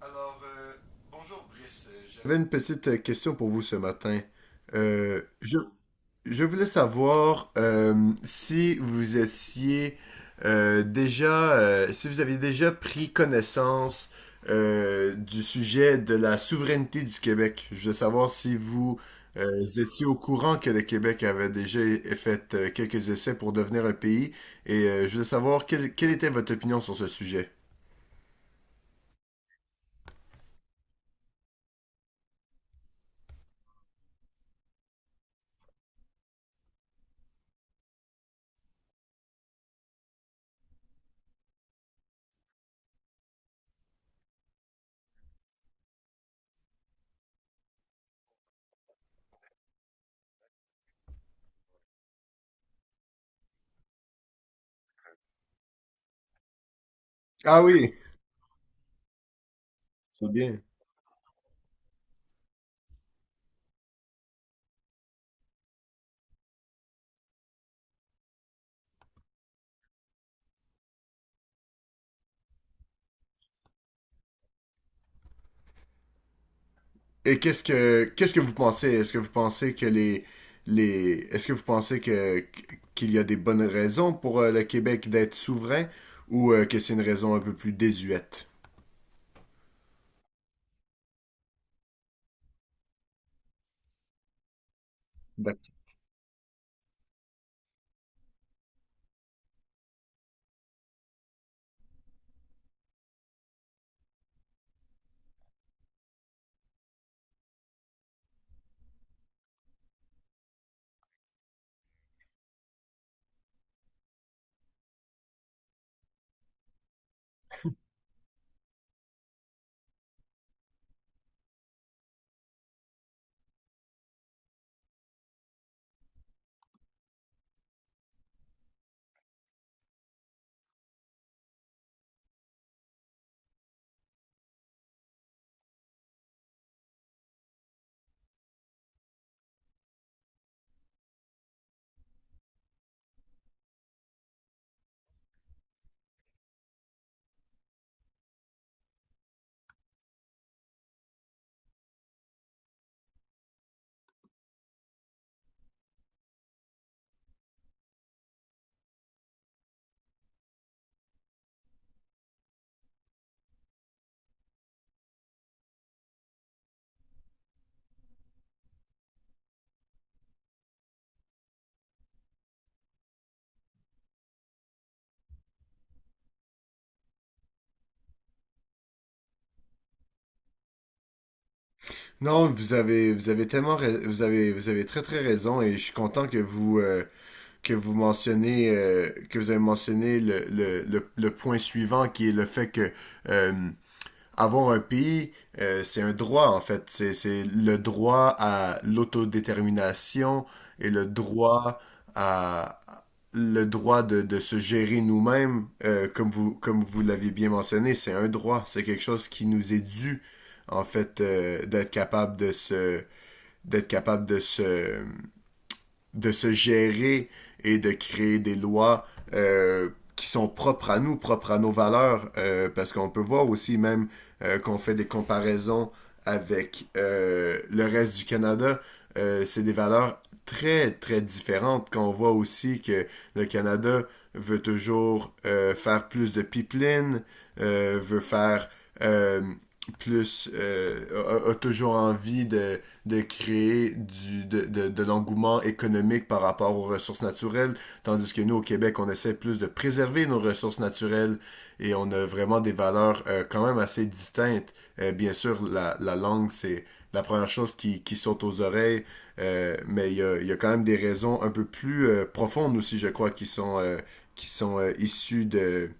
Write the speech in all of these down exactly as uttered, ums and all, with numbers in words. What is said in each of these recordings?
Alors, euh, bonjour Brice. Euh, J'avais une petite euh, question pour vous ce matin. Euh, je, je voulais savoir euh, si vous étiez euh, déjà, euh, si vous aviez déjà pris connaissance euh, du sujet de la souveraineté du Québec. Je voulais savoir si vous euh, étiez au courant que le Québec avait déjà fait euh, quelques essais pour devenir un pays et euh, je voulais savoir quelle, quelle était votre opinion sur ce sujet. Ah oui, c'est bien. Et qu'est-ce que qu'est-ce que vous pensez? Est-ce que vous pensez que les les est-ce que vous pensez que qu'il y a des bonnes raisons pour euh, le Québec d'être souverain ou euh, que c'est une raison un peu plus désuète? D'ac- Non, vous avez vous avez tellement rais- vous avez vous avez très très raison, et je suis content que vous euh, que vous mentionnez euh, que vous avez mentionné le, le, le, le point suivant, qui est le fait que euh, avoir un pays, euh, c'est un droit en fait. C'est, c'est le droit à l'autodétermination et le droit à le droit de, de se gérer nous-mêmes, euh, comme vous comme vous l'avez bien mentionné, c'est un droit. C'est quelque chose qui nous est dû en fait, euh, d'être capable de se d'être capable de se de se gérer et de créer des lois euh, qui sont propres à nous, propres à nos valeurs, euh, parce qu'on peut voir aussi même euh, qu'on fait des comparaisons avec euh, le reste du Canada. Euh, c'est des valeurs très, très différentes. Qu'on voit aussi que le Canada veut toujours euh, faire plus de pipeline, euh, veut faire euh, plus, euh, a, a, toujours envie de de créer du, de, de, de l'engouement économique par rapport aux ressources naturelles, tandis que nous, au Québec, on essaie plus de préserver nos ressources naturelles, et on a vraiment des valeurs euh, quand même assez distinctes. Euh, bien sûr, la, la langue, c'est la première chose qui, qui saute aux oreilles, euh, mais il y a, il y a quand même des raisons un peu plus euh, profondes aussi, je crois, qui sont, euh, qui sont euh, issues de,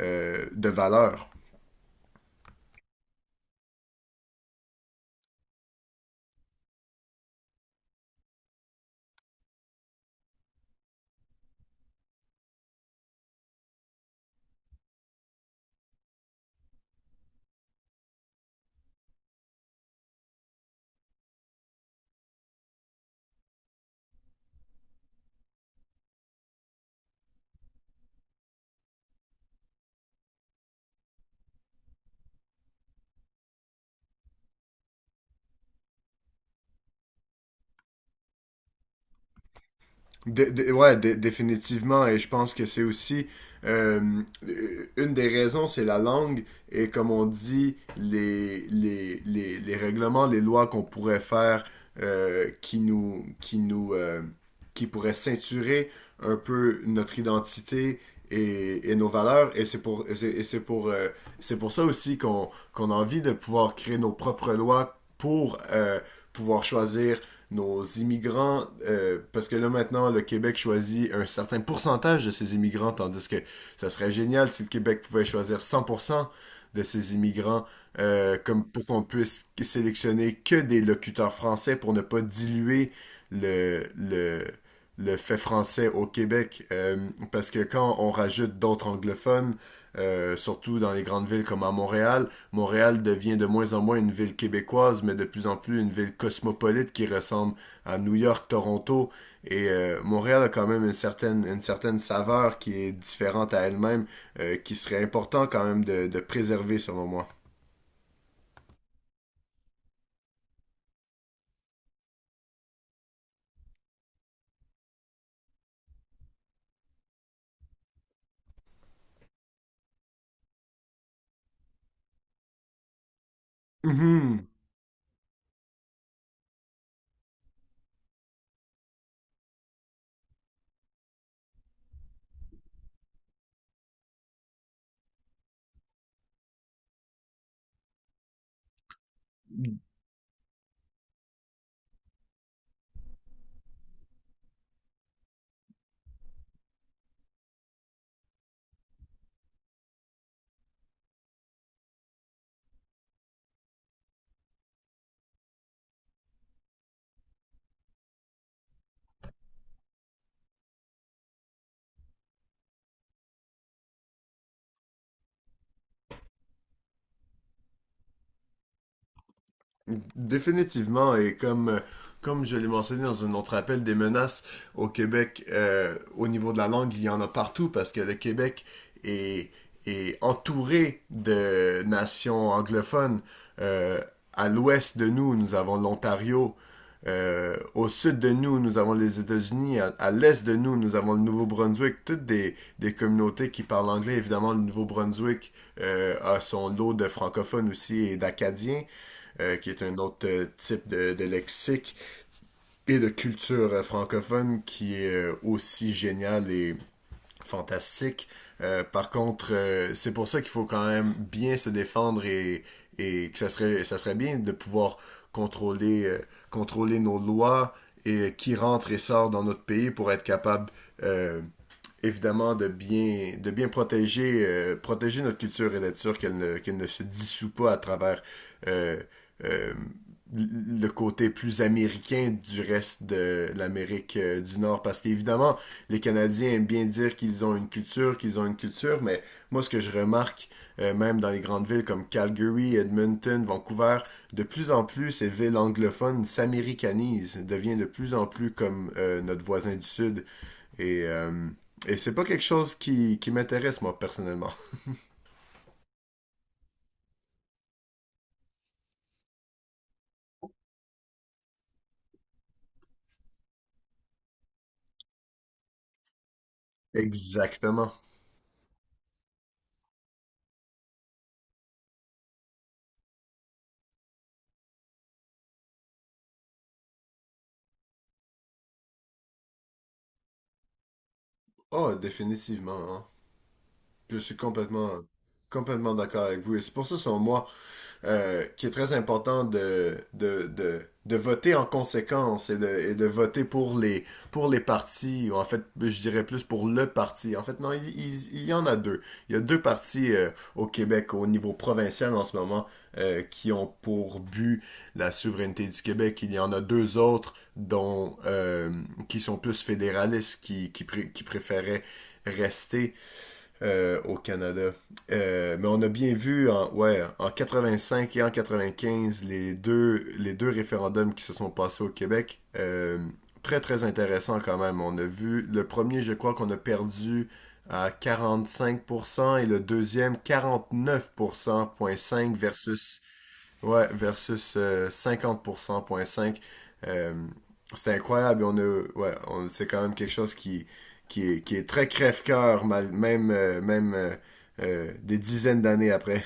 euh, de valeurs. De, de- ouais, dé- définitivement. Et je pense que c'est aussi euh, une des raisons, c'est la langue, et comme on dit, les, les, les, les règlements, les lois qu'on pourrait faire, euh, qui nous, qui nous, euh, qui pourraient ceinturer un peu notre identité et, et nos valeurs. Et c'est pour, et c'est et c'est pour, euh, c'est pour ça aussi qu'on qu'on a envie de pouvoir créer nos propres lois pour, euh, pouvoir choisir nos immigrants, euh, parce que là maintenant, le Québec choisit un certain pourcentage de ses immigrants, tandis que ça serait génial si le Québec pouvait choisir cent pour cent de ses immigrants, euh, comme pour qu'on puisse sélectionner que des locuteurs français pour ne pas diluer le, le, le fait français au Québec. Euh, parce que quand on rajoute d'autres anglophones, euh, surtout dans les grandes villes comme à Montréal, Montréal devient de moins en moins une ville québécoise, mais de plus en plus une ville cosmopolite qui ressemble à New York, Toronto. Et euh, Montréal a quand même une certaine, une certaine, saveur qui est différente à elle-même, euh, qui serait important quand même de, de, préserver selon moi. Mm -hmm. Définitivement, et comme, comme je l'ai mentionné dans un autre appel, des menaces au Québec, euh, au niveau de la langue, il y en a partout parce que le Québec est, est entouré de nations anglophones. Euh, à l'ouest de nous, nous avons l'Ontario. Euh, au sud de nous, nous avons les États-Unis. À, à l'est de nous, nous avons le Nouveau-Brunswick. Toutes des, des communautés qui parlent anglais. Évidemment, le Nouveau-Brunswick euh, a son lot de francophones aussi et d'Acadiens, euh, qui est un autre euh, type de, de lexique, et de culture euh, francophone, qui est euh, aussi génial et fantastique. Euh, par contre, euh, c'est pour ça qu'il faut quand même bien se défendre, et, et que ça serait, ça serait bien de pouvoir contrôler, euh, contrôler nos lois, et euh, qui rentre et sort dans notre pays, pour être capable, euh, évidemment, de bien, de bien protéger, euh, protéger notre culture, et d'être sûr qu'elle ne, qu'elle ne se dissout pas à travers, euh, euh, le côté plus américain du reste de l'Amérique euh, du Nord. Parce qu'évidemment, les Canadiens aiment bien dire qu'ils ont une culture, qu'ils ont une culture, mais moi, ce que je remarque, euh, même dans les grandes villes comme Calgary, Edmonton, Vancouver, de plus en plus, ces villes anglophones s'américanisent, deviennent de plus en plus comme, euh, notre voisin du Sud. Et euh, et c'est pas quelque chose qui, qui m'intéresse, moi, personnellement. Exactement. Oh, définitivement, hein. Je suis complètement, complètement d'accord avec vous. Et c'est pour ça, selon moi, euh, qui est très important de, de, de, de voter en conséquence, et de, et de voter pour les, pour les partis, ou en fait, je dirais plus pour le parti. En fait, non, il, il- il y en a deux. Il y a deux partis euh, au Québec, au niveau provincial en ce moment, euh, qui ont pour but la souveraineté du Québec. Il y en a deux autres dont, euh, qui sont plus fédéralistes, qui, qui, pré- qui préféraient rester euh, au Canada. Euh, mais on a bien vu en, ouais, en quatre-vingt-cinq et en quatre-vingt-quinze, les deux, les deux référendums qui se sont passés au Québec. Euh, très très intéressant quand même. On a vu le premier, je crois qu'on a perdu à quarante-cinq pour cent, et le deuxième quarante-neuf pour cent, zéro virgule cinq versus, ouais, versus euh, cinquante pour cent.cinq. Euh, c'est incroyable. On a, ouais. On, c'est quand même quelque chose qui, qui est, qui est très crève-cœur, mal- même, euh, même euh, euh, des dizaines d'années après.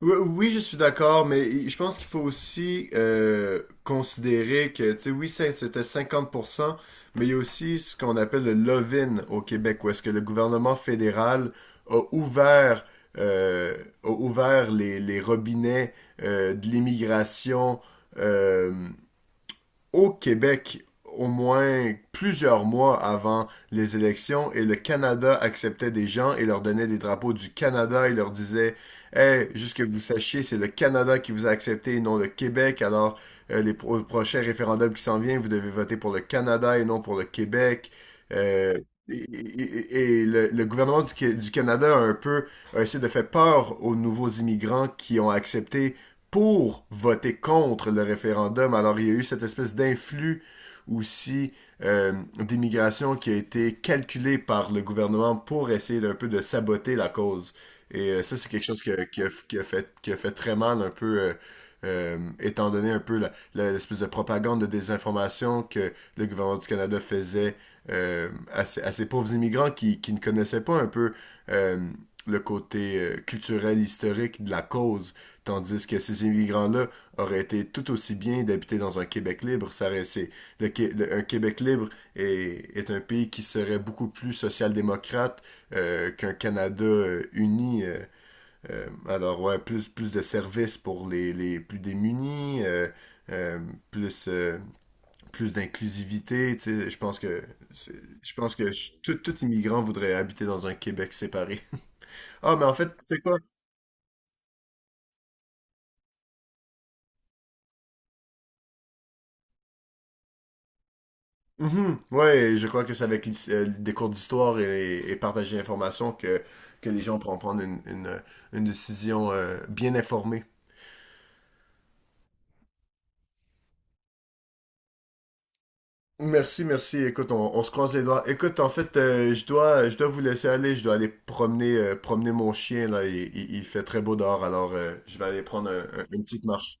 Oui, oui, je suis d'accord, mais je pense qu'il faut aussi euh, considérer que, tu sais, oui, c'est- c'était cinquante pour cent, mais il y a aussi ce qu'on appelle le love-in au Québec, où est-ce que le gouvernement fédéral a ouvert, euh, a ouvert les, les robinets euh, de l'immigration, euh, au Québec, au moins plusieurs mois avant les élections. Et le Canada acceptait des gens et leur donnait des drapeaux du Canada, et leur disait: "Hey, juste que vous sachiez, c'est le Canada qui vous a accepté et non le Québec. Alors, euh, les pro- prochains référendums qui s'en viennent, vous devez voter pour le Canada et non pour le Québec." Euh, et et- et le, le gouvernement du, Qué- du Canada a un peu a essayé de faire peur aux nouveaux immigrants, qui ont accepté, pour voter contre le référendum. Alors, il y a eu cette espèce d'influx aussi, euh, d'immigration, qui a été calculée par le gouvernement pour essayer d'un peu de saboter la cause. Et euh, ça, c'est quelque chose que- qui a, qui a fait, qui a fait très mal un peu, euh, euh, étant donné un peu la-, la- l'espèce de propagande de désinformation que le gouvernement du Canada faisait euh, à, ces, à ces pauvres immigrants, qui, qui ne connaissaient pas un peu euh, le côté euh, culturel, historique de la cause. Tandis que ces immigrants-là auraient été tout aussi bien d'habiter dans un Québec libre. Ça aurait- le, le- Un Québec libre est, est un pays qui serait beaucoup plus social-démocrate euh, qu'un Canada euh, uni. Euh, euh, alors, ouais, plus, plus de services pour les, les plus démunis, euh, euh, plus, euh, plus d'inclusivité, tu sais. Je pense que, je pense que je- tout, tout immigrant voudrait habiter dans un Québec séparé. Ah, mais en fait, tu sais quoi? Mhm. Ouais, je crois que c'est avec l'his- euh, des cours d'histoire, et, et partager l'information, que, que les gens pourront prendre une, une- une décision euh, bien informée. Merci, merci. Écoute, on, on se croise les doigts. Écoute, en fait, euh, je dois, je dois vous laisser aller. Je dois aller promener, euh, promener mon chien, là. Il, il- il fait très beau dehors, alors euh, je vais aller prendre un- un- une petite marche.